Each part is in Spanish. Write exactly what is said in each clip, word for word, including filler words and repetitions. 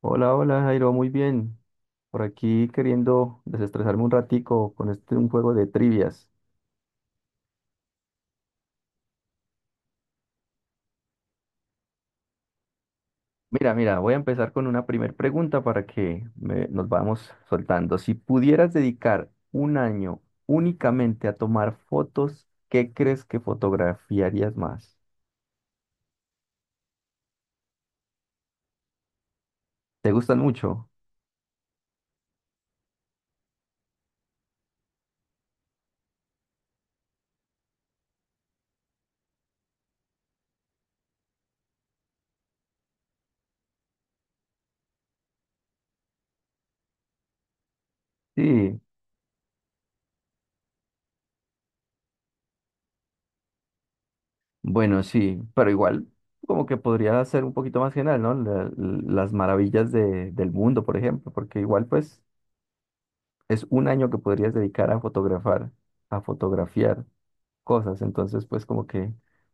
Hola, hola Jairo, muy bien. Por aquí queriendo desestresarme un ratico con este un juego de trivias. Mira, mira, voy a empezar con una primer pregunta para que me- nos vamos soltando. Si pudieras dedicar un año únicamente a tomar fotos, ¿qué crees que fotografiarías más? ¿Te gustan mucho? Sí, bueno, sí, pero igual como que podría ser un poquito más general, ¿no? La- las maravillas de- del mundo, por ejemplo, porque igual pues es un año que podrías dedicar a fotografar, a fotografiar cosas. Entonces, pues como que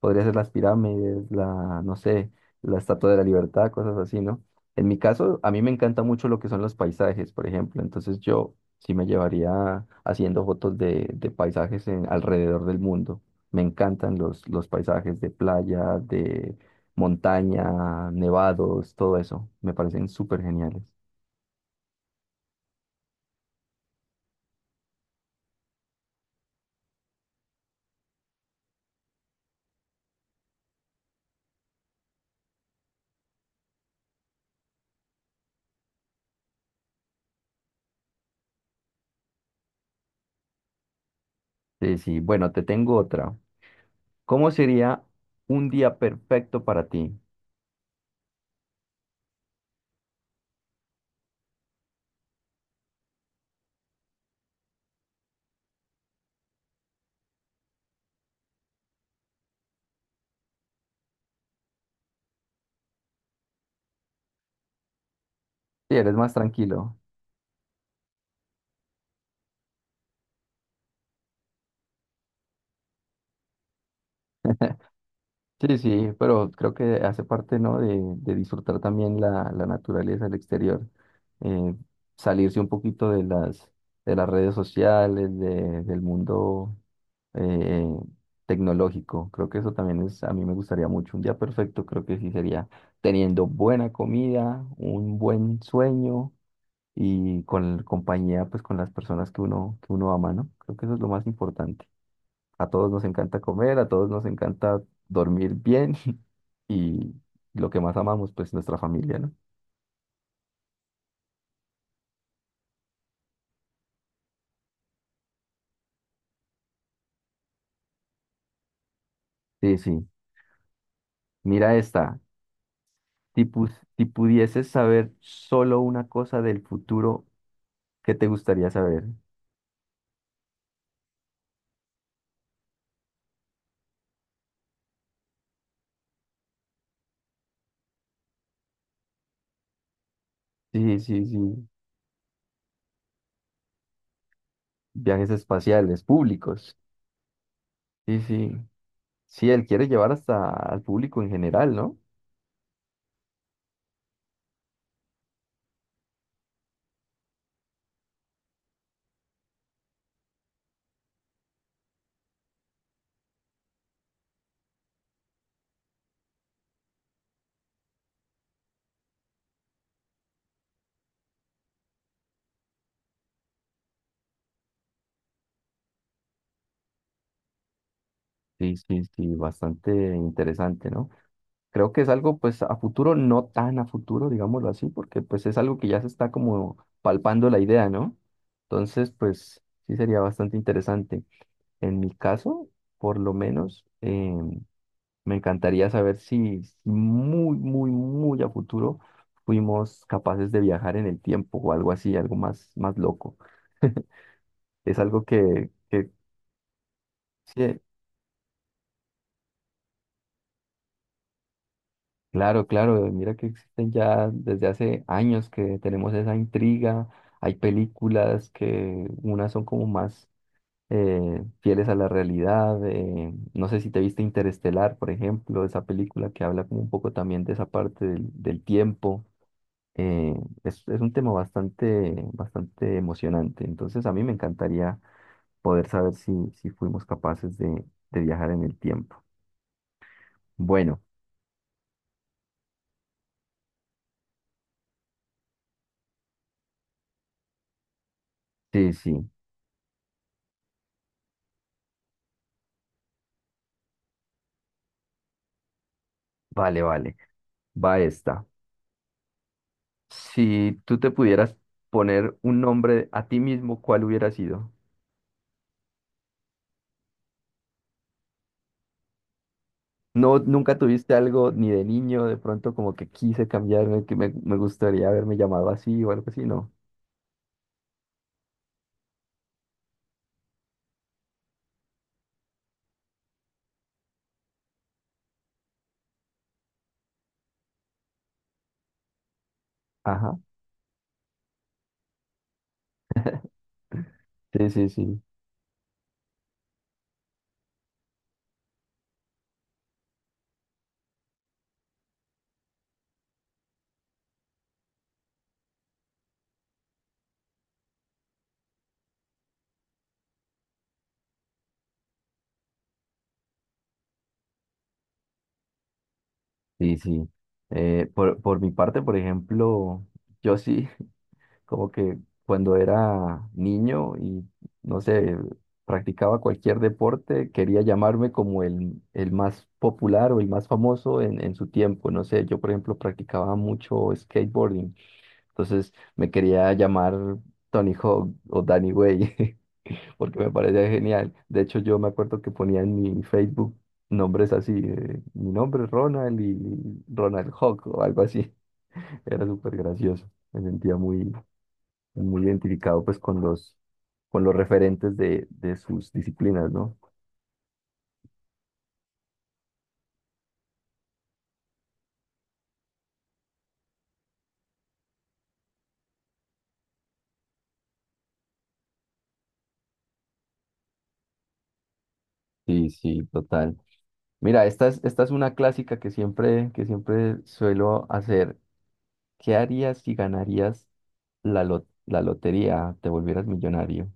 podría ser las pirámides, la, no sé, la Estatua de la Libertad, cosas así, ¿no? En mi caso, a mí me encanta mucho lo que son los paisajes, por ejemplo. Entonces yo sí me llevaría haciendo fotos de, de paisajes en, alrededor del mundo. Me encantan los, los paisajes de playa, de montaña, nevados, todo eso. Me parecen súper geniales. Sí, sí. Bueno, te tengo otra. ¿Cómo sería un día perfecto para ti? Sí, eres más tranquilo. Sí, sí, pero creo que hace parte, ¿no? De, de disfrutar también la, la naturaleza, el exterior, eh, salirse un poquito de las, de las redes sociales, de- del mundo eh, tecnológico. Creo que eso también es, a mí me gustaría mucho. Un día perfecto creo que sí sería teniendo buena comida, un buen sueño y con la compañía, pues con las personas que uno, que uno ama, ¿no? Creo que eso es lo más importante. A todos nos encanta comer, a todos nos encanta dormir bien y lo que más amamos, pues nuestra familia, ¿no? Sí, sí. Mira esta. Si, pus- si pudieses saber solo una cosa del futuro, ¿qué te gustaría saber? Sí, sí, sí. Viajes espaciales, públicos. Sí, sí. Sí, él quiere llevar hasta al público en general, ¿no? Sí, sí, sí, bastante interesante, ¿no? Creo que es algo pues a futuro, no tan a futuro, digámoslo así, porque pues es algo que ya se está como palpando la idea, ¿no? Entonces, pues sí sería bastante interesante. En mi caso, por lo menos, em, me encantaría saber si, si muy, muy, muy a futuro fuimos capaces de viajar en el tiempo o algo así, algo más, más loco. Es algo que, que sí, claro, claro, mira que existen ya desde hace años que tenemos esa intriga, hay películas que unas son como más eh, fieles a la realidad, eh, no sé si te viste Interestelar, por ejemplo, esa película que habla como un poco también de esa parte del, del tiempo, eh, es, es un tema bastante, bastante emocionante, entonces a mí me encantaría poder saber si, si fuimos capaces de, de viajar en el tiempo. Bueno, sí, sí, vale, vale, va esta. Si tú te pudieras poner un nombre a ti mismo, ¿cuál hubiera sido? No, nunca tuviste algo ni de niño, de pronto como que quise cambiarme, que me, me gustaría haberme llamado así o algo así, ¿no? Ajá. Sí, sí, sí. Sí, sí. Eh, por, por mi parte, por ejemplo, yo sí. Como que cuando era niño y no sé, practicaba cualquier deporte, quería llamarme como el, el más popular o el más famoso en, en su tiempo. No sé, yo por ejemplo practicaba mucho skateboarding, entonces me quería llamar Tony Hawk o Danny Way, porque me parecía genial. De hecho, yo me acuerdo que ponía en mi Facebook nombres así, eh, mi nombre es Ronald y Ronald Hawk o algo así. Era súper gracioso, me sentía muy, muy identificado pues con los, con los referentes de, de sus disciplinas, ¿no? Sí, sí, total. Mira, esta es, esta es una clásica que siempre, que siempre suelo hacer. ¿Qué harías si ganarías la, lot- la lotería, te volvieras millonario?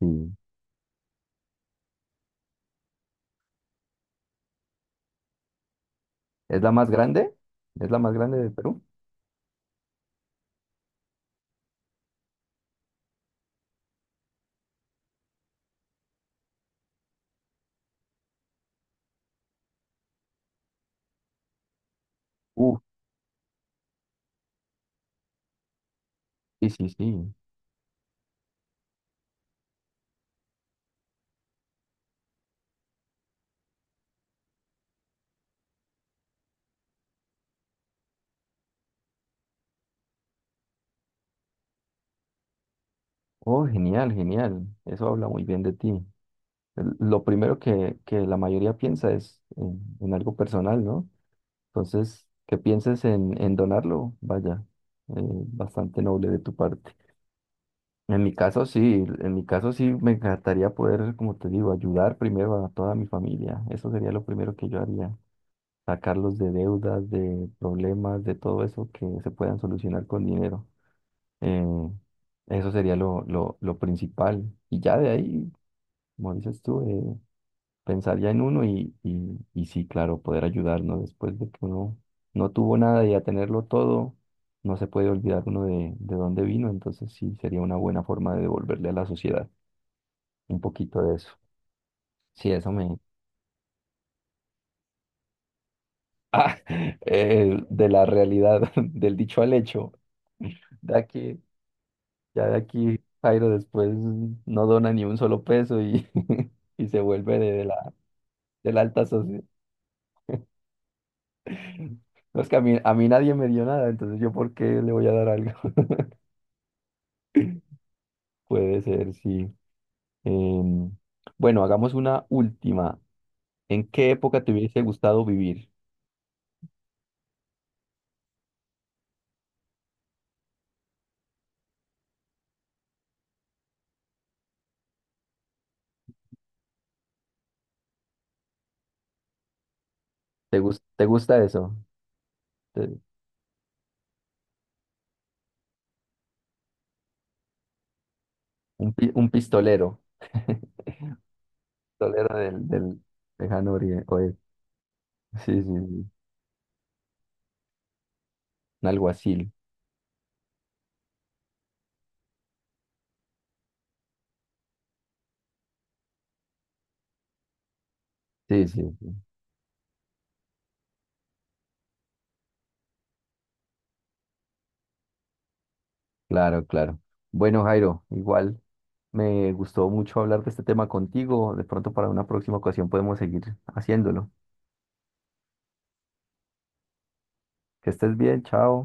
Sí. ¿Es la más grande? ¿Es la más grande de Perú? Uh, sí, sí, sí. Oh, genial, genial. Eso habla muy bien de ti. L- Lo primero que, que la mayoría piensa es en, en algo personal, ¿no? Entonces, que pienses en, en donarlo, vaya, eh, bastante noble de tu parte. En mi caso sí, en mi caso sí me encantaría poder, como te digo, ayudar primero a toda mi familia. Eso sería lo primero que yo haría, sacarlos de deudas, de problemas, de todo eso que se puedan solucionar con dinero. Eh, eso sería lo, lo, lo principal. Y ya de ahí, como dices tú, eh, pensaría en uno y, y, y sí, claro, poder ayudarnos después de que uno no tuvo nada y a tenerlo todo, no se puede olvidar uno de, de dónde vino, entonces sí, sería una buena forma de devolverle a la sociedad un poquito de eso. Sí, eso me... Ah, eh, de la realidad, del dicho al hecho, de aquí, ya de aquí, Jairo después no dona ni un solo peso y, y se vuelve de, de la, de la alta sociedad. No, es que a mí, a mí nadie me dio nada, entonces yo por qué le voy a dar algo. Puede ser, sí. Em, bueno, hagamos una última. ¿En qué época te hubiese gustado vivir? ¿Te gus- te gusta eso? Te- un, pi- un pistolero. Pistolero del, del lejano orie- oeste. Sí, sí, sí. Un alguacil. Sí, sí, sí. Claro, claro. Bueno, Jairo, igual me gustó mucho hablar de este tema contigo. De pronto para una próxima ocasión podemos seguir haciéndolo. Que estés bien, chao.